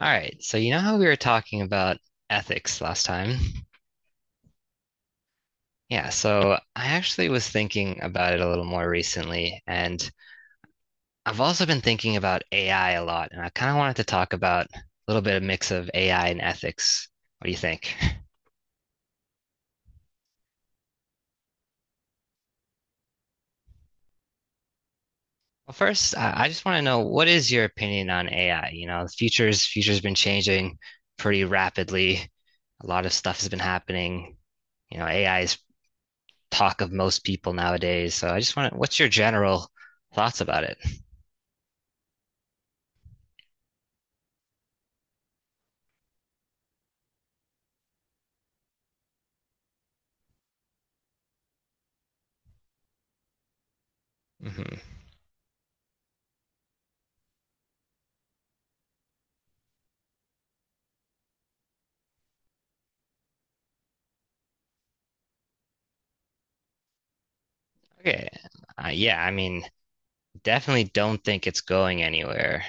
All right, so you know how we were talking about ethics last time? Yeah, so I actually was thinking about it a little more recently, and I've also been thinking about AI a lot, and I kind of wanted to talk about a little bit of mix of AI and ethics. What do you think? Well, first, I just want to know what is your opinion on AI? You know, the future's been changing pretty rapidly. A lot of stuff has been happening. You know, AI is talk of most people nowadays. So I just want to, what's your general thoughts about it? Hmm. Okay. Yeah, I mean, definitely don't think it's going anywhere.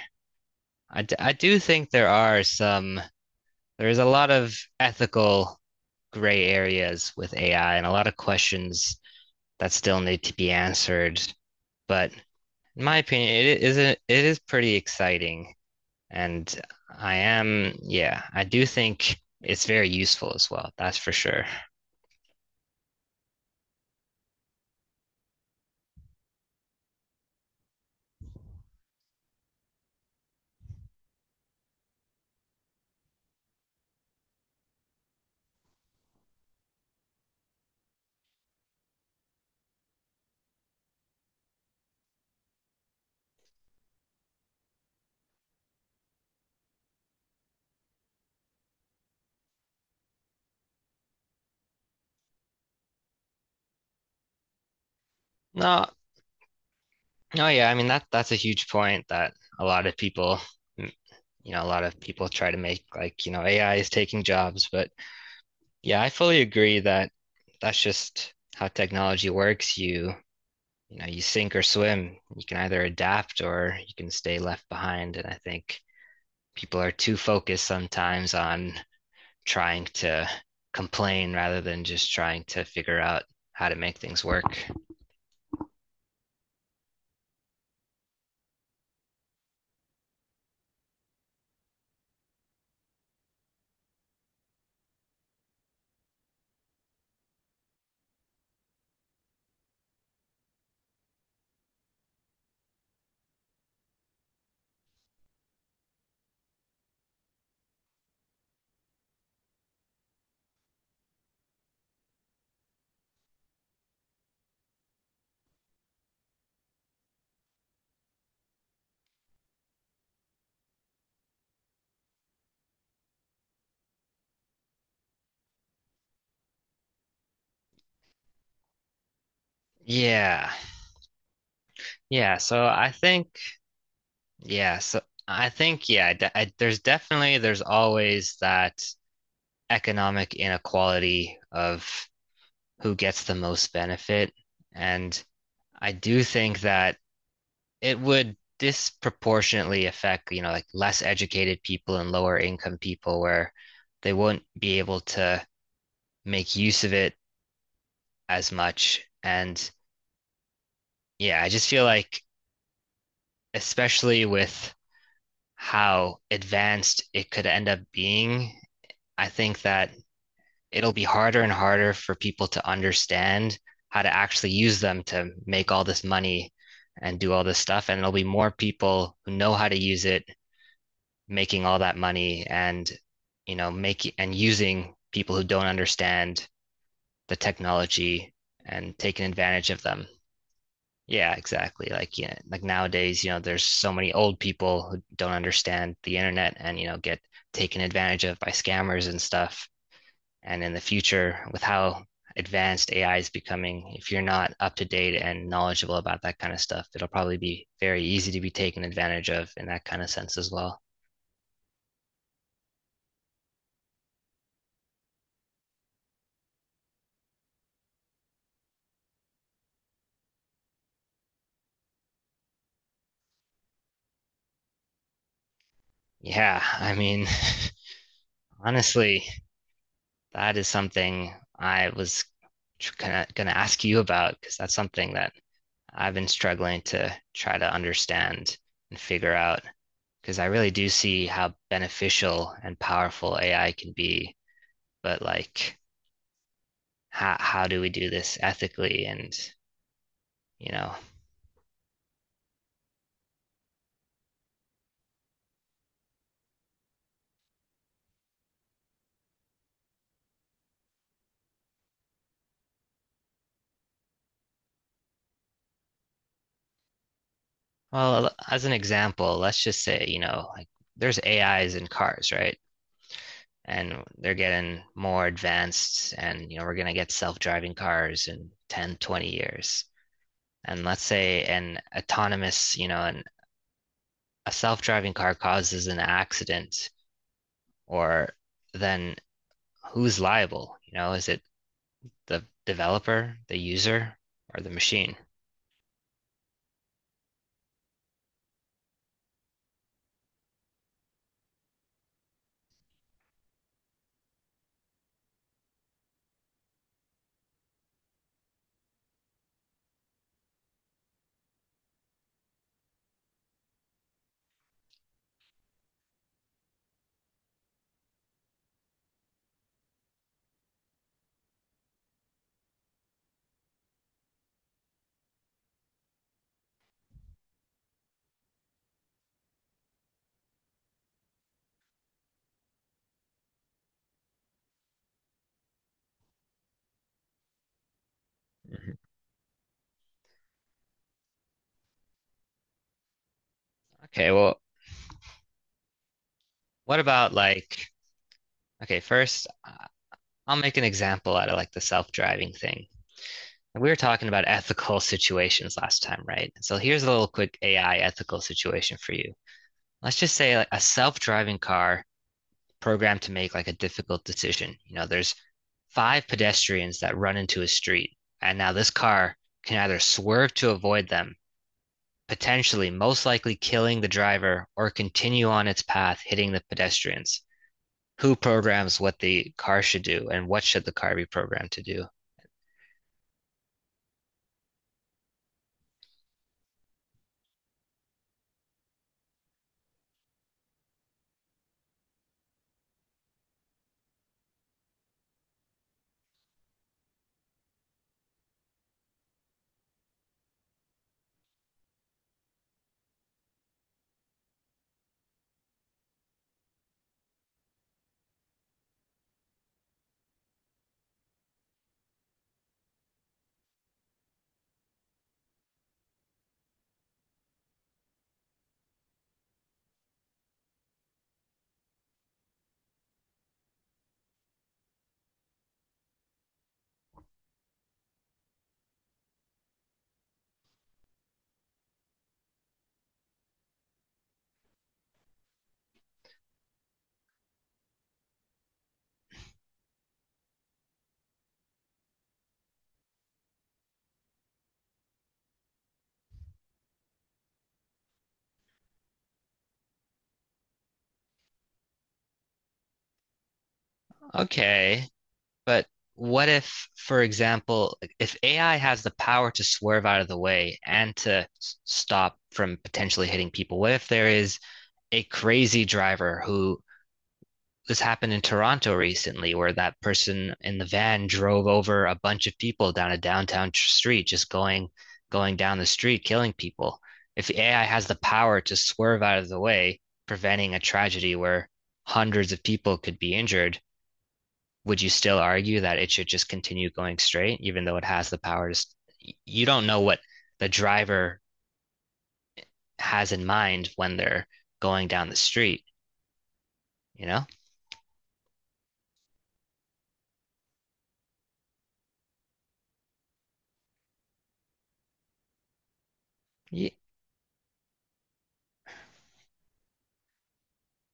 I do think there are some, there's a lot of ethical gray areas with AI and a lot of questions that still need to be answered. But in my opinion, it is pretty exciting. And yeah, I do think it's very useful as well. That's for sure. No, no, yeah, I mean that's a huge point that a lot of people, mm, a lot of people try to make like, you know, AI is taking jobs, but yeah, I fully agree that's just how technology works. You sink or swim. You can either adapt or you can stay left behind. And I think people are too focused sometimes on trying to complain rather than just trying to figure out how to make things work. Yeah. Yeah, so I think Yeah, so I think yeah, de I, there's definitely there's always that economic inequality of who gets the most benefit, and I do think that it would disproportionately affect, you know, like less educated people and lower income people where they won't be able to make use of it as much. And yeah, I just feel like especially with how advanced it could end up being, I think that it'll be harder and harder for people to understand how to actually use them to make all this money and do all this stuff. And there'll be more people who know how to use it, making all that money and, you know, making and using people who don't understand the technology and taking advantage of them. Yeah, exactly. Like, yeah, like nowadays, you know, there's so many old people who don't understand the internet and, you know, get taken advantage of by scammers and stuff. And in the future, with how advanced AI is becoming, if you're not up to date and knowledgeable about that kind of stuff, it'll probably be very easy to be taken advantage of in that kind of sense as well. Yeah, I mean, honestly, that is something I was gonna ask you about because that's something that I've been struggling to try to understand and figure out because I really do see how beneficial and powerful AI can be, but like how do we do this ethically, and you know, well, as an example, let's just say, you know, like there's ais in cars, right? And they're getting more advanced, and you know, we're going to get self-driving cars in 10-20 years. And let's say an autonomous, you know, a self-driving car causes an accident, or then who's liable? You know, is it the developer, the user, or the machine? Mhm. okay well what about like Okay, first, I'll make an example out of like the self-driving thing. We were talking about ethical situations last time, right? So here's a little quick AI ethical situation for you. Let's just say like a self-driving car programmed to make like a difficult decision. You know, there's five pedestrians that run into a street, and now this car can either swerve to avoid them, potentially most likely killing the driver, or continue on its path, hitting the pedestrians. Who programs what the car should do, and what should the car be programmed to do? Okay, but what if, for example, if AI has the power to swerve out of the way and to stop from potentially hitting people, what if there is a crazy driver who this happened in Toronto recently where that person in the van drove over a bunch of people down a downtown street, just going down the street, killing people. If AI has the power to swerve out of the way, preventing a tragedy where hundreds of people could be injured, would you still argue that it should just continue going straight, even though it has the power to? You don't know what the driver has in mind when they're going down the street, you know?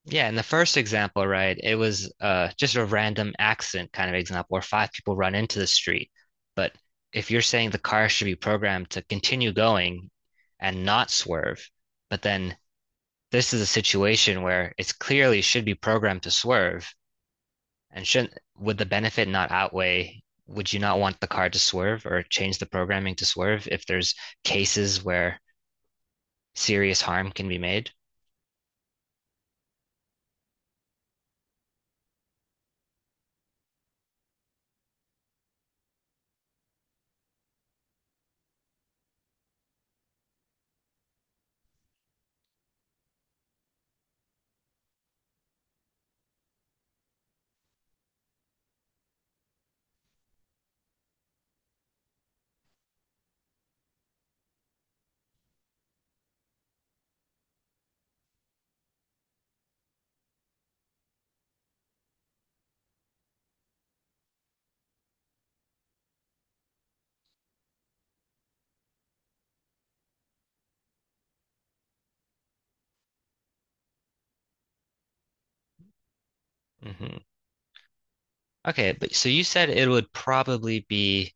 Yeah, in the first example, right, it was just a random accident kind of example where five people run into the street. But if you're saying the car should be programmed to continue going and not swerve, but then this is a situation where it's clearly should be programmed to swerve and shouldn't, would the benefit not outweigh, would you not want the car to swerve or change the programming to swerve if there's cases where serious harm can be made? Hmm. Okay, but so you said it would probably be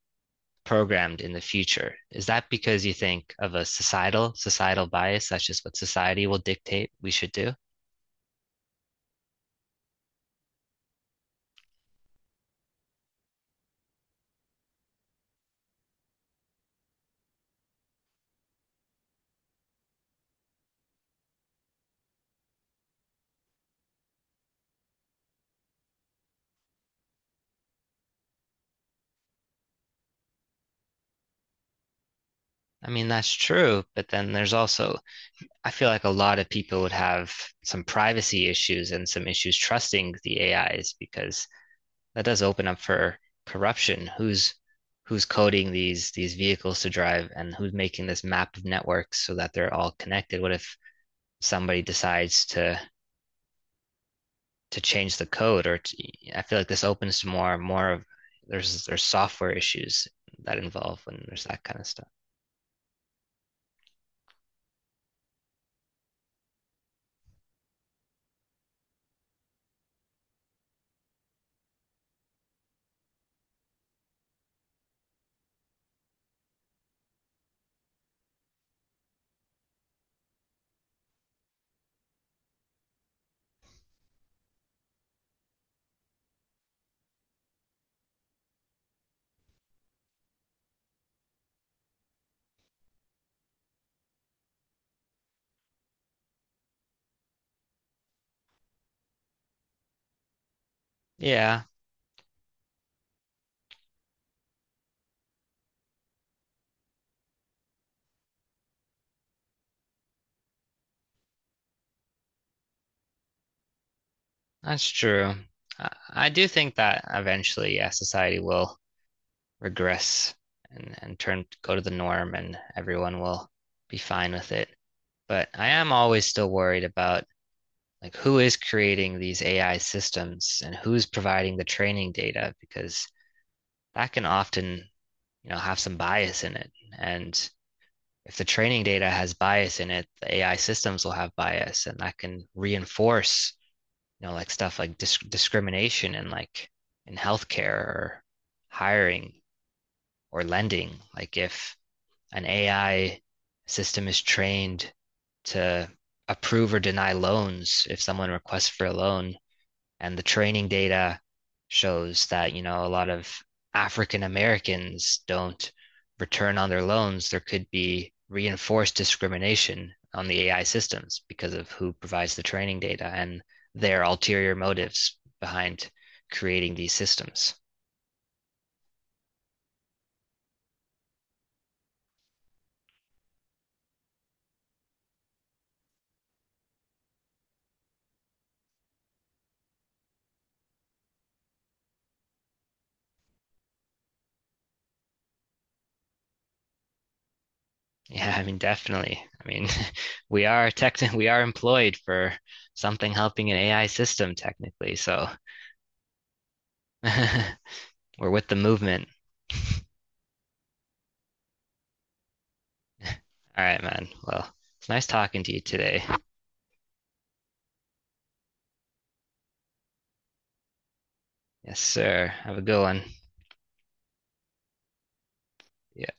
programmed in the future. Is that because you think of a societal bias? That's just what society will dictate we should do. I mean, that's true, but then there's also, I feel like a lot of people would have some privacy issues and some issues trusting the AIs because that does open up for corruption. Who's coding these vehicles to drive, and who's making this map of networks so that they're all connected? What if somebody decides to change the code, or to, I feel like this opens to more and more of there's software issues that involve when there's that kind of stuff. Yeah, that's true. I, I do think that eventually, yeah, society will regress and turn go to the norm, and everyone will be fine with it. But I am always still worried about like who is creating these AI systems and who's providing the training data because that can often, you know, have some bias in it. And if the training data has bias in it, the AI systems will have bias, and that can reinforce, you know, like stuff like discrimination and like in healthcare or hiring or lending. Like if an AI system is trained to approve or deny loans, if someone requests for a loan, and the training data shows that, you know, a lot of African Americans don't return on their loans. There could be reinforced discrimination on the AI systems because of who provides the training data and their ulterior motives behind creating these systems. Yeah, I mean, definitely. I mean, we are tech, we are employed for something helping an AI system technically. So we're with the movement. All right, man. Well, it's nice talking to you today. Yes, sir. Have a good one. Yeah.